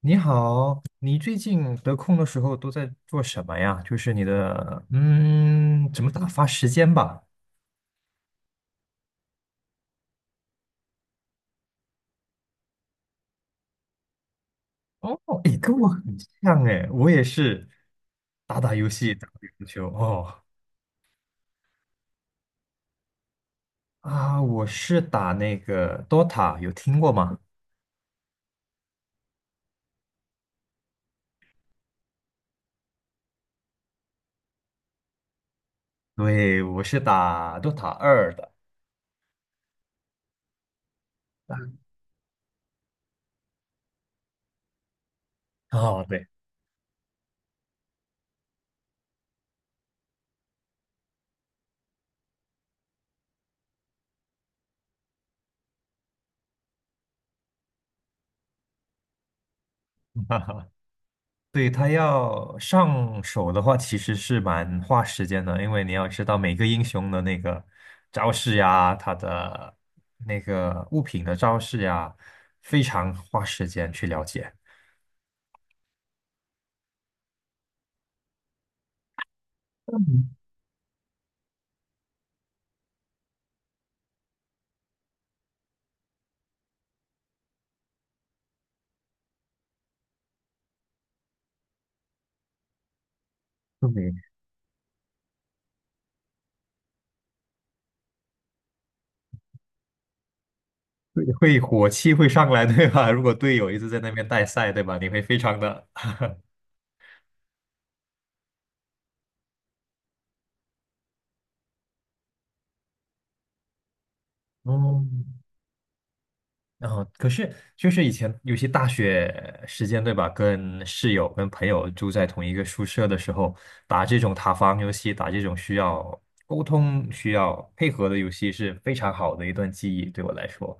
你好，你最近得空的时候都在做什么呀？就是你的，怎么打发时间吧？哦，哎，跟我很像哎，我也是打打游戏，打打羽球。哦，啊，我是打那个 Dota，有听过吗？对，我是打 Dota 2的。哦，对。对，他要上手的话，其实是蛮花时间的，因为你要知道每个英雄的那个招式呀，他的那个物品的招式呀，非常花时间去了解。嗯，对，会火气会上来，对吧？如果队友一直在那边带赛，对吧？你会非常的，嗯。然后，可是就是以前有些大学时间，对吧？跟室友、跟朋友住在同一个宿舍的时候，打这种塔防游戏，打这种需要沟通、需要配合的游戏，是非常好的一段记忆，对我来说。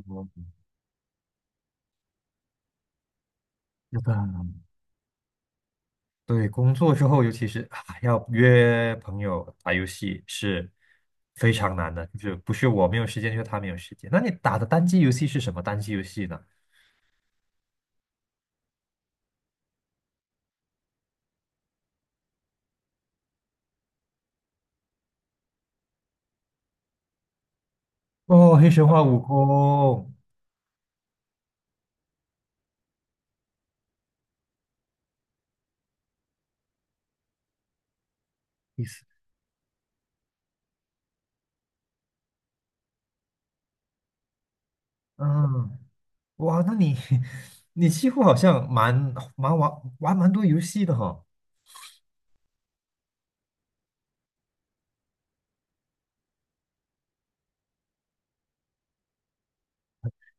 嗯，是的，对，工作之后，尤其是啊要约朋友打游戏是非常难的，就是不是我没有时间，就是他没有时间。那你打的单机游戏是什么单机游戏呢？哦，黑神话悟空。意思，嗯。哇，那你 你几乎好像玩蛮多游戏的哈。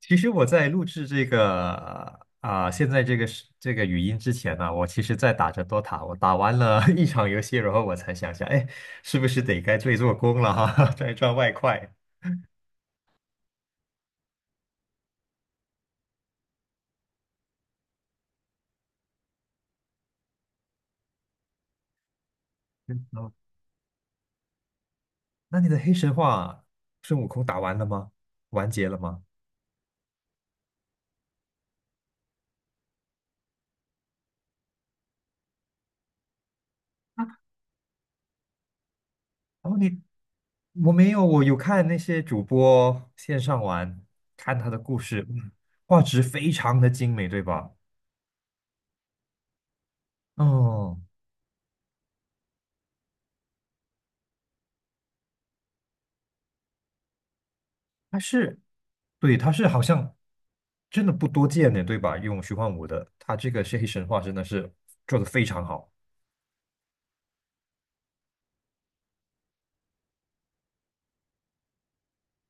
其实我在录制这个啊、现在这个是这个语音之前呢、我其实在打着 DOTA，我打完了 一场游戏，然后我才想想，哎，是不是得该做一做工了哈、赚一赚外快。嗯哦，那你的黑神话孙悟空打完了吗？完结了吗？然后你我没有，我有看那些主播线上玩，看他的故事，画质非常的精美，对吧？哦，他是，对，他是好像真的不多见的，对吧？用虚幻五的，他这个是黑神话真的是做的非常好，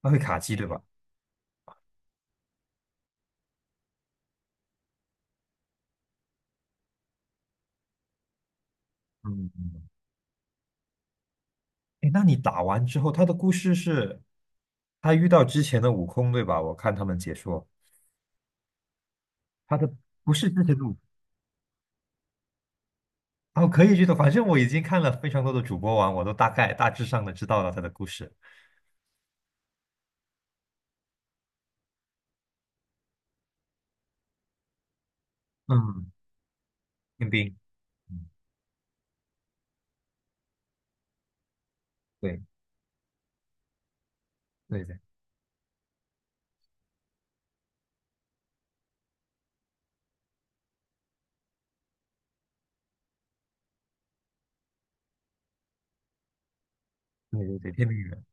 他会卡机，对吧？嗯，哎，那你打完之后，他的故事是他遇到之前的悟空，对吧？我看他们解说，他的不是之前的悟空。哦，可以剧透，反正我已经看了非常多的主播网，我都大概大致上的知道了他的故事。嗯，天兵，嗯，对对对对对对，天兵人，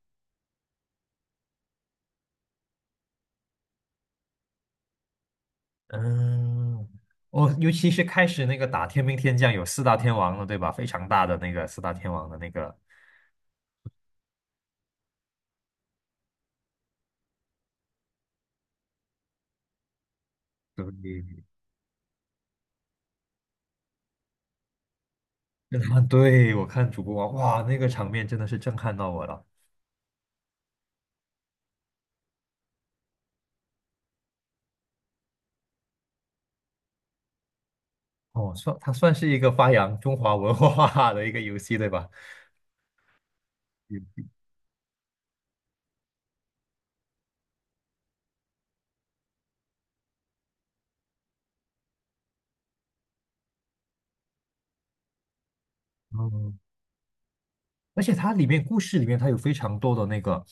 嗯，哦，尤其是开始那个打天兵天将有四大天王了，对吧？非常大的那个四大天王的那个，对，跟他们对我看主播网，哇，那个场面真的是震撼到我了。哦，算它算是一个发扬中华文化的一个游戏，对吧？嗯，而且它里面故事里面它有非常多的那个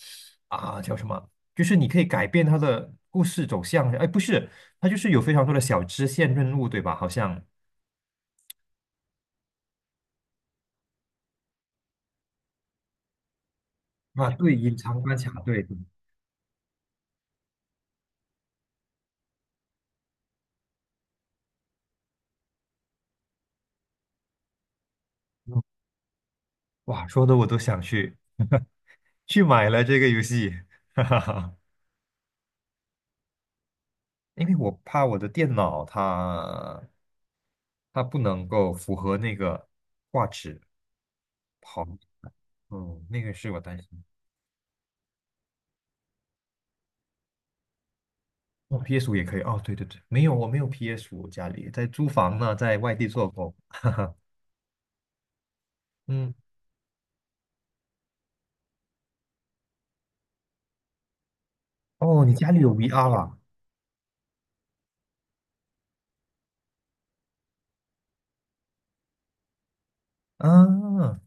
啊叫什么，就是你可以改变它的故事走向。哎，不是，它就是有非常多的小支线任务，对吧？好像啊，对，隐藏关卡，对对，嗯哇，说的我都想去买了这个游戏。哈哈哈，因为我怕我的电脑它不能够符合那个画质跑，那个是我担心。哦， p s 五也可以哦，对对对，没有，我没有 p s 五，家里在租房呢，在外地做工。嗯，哦，你家里有 VR 啊？啊，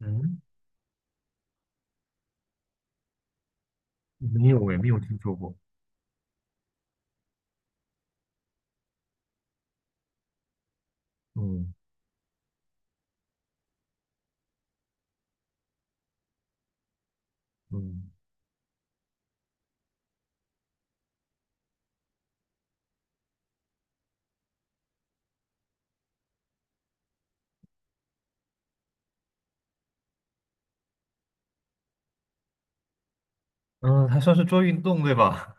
嗯，没有诶，没有听说过。嗯嗯嗯，还算是做运动对吧？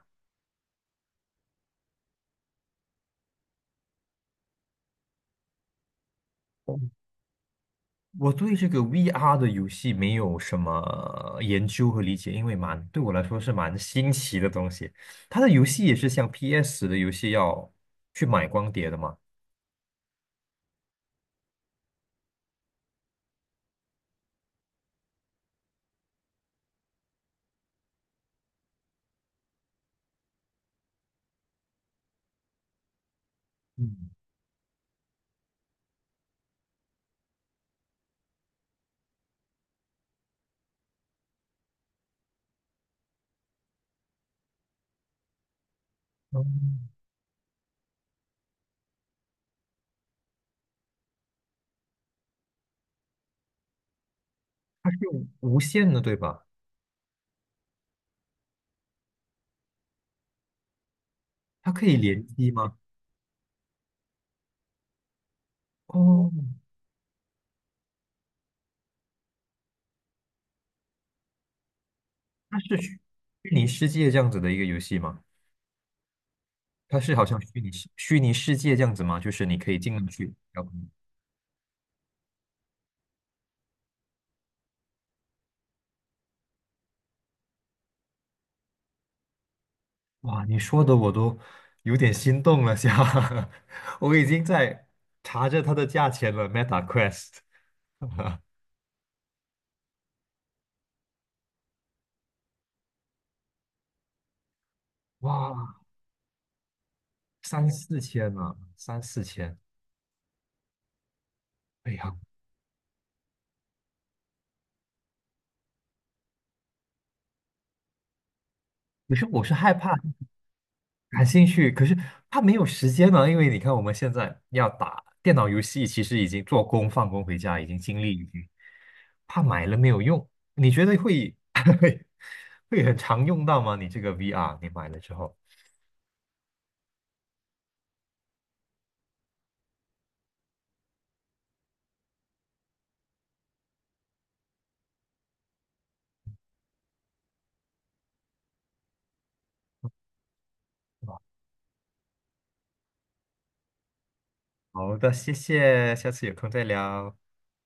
嗯我对这个 VR 的游戏没有什么研究和理解，因为蛮对我来说是蛮新奇的东西。它的游戏也是像 PS 的游戏要去买光碟的嘛？嗯，嗯，它是有无线的对吧？它可以联机吗？哦，它是虚拟世界这样子的一个游戏吗？它是好像虚拟世界这样子吗？就是你可以进去，然后哇，你说的我都有点心动了，下，我已经在查着它的价钱了，Meta Quest，哇，三四千啊，三四千，哎呀，不是我是害怕。感兴趣，可是他没有时间呢，因为你看我们现在要打电脑游戏，其实已经做工放工回家，已经精力已经，怕买了没有用。你觉得会 会很常用到吗？你这个 VR，你买了之后。好的，谢谢，下次有空再聊。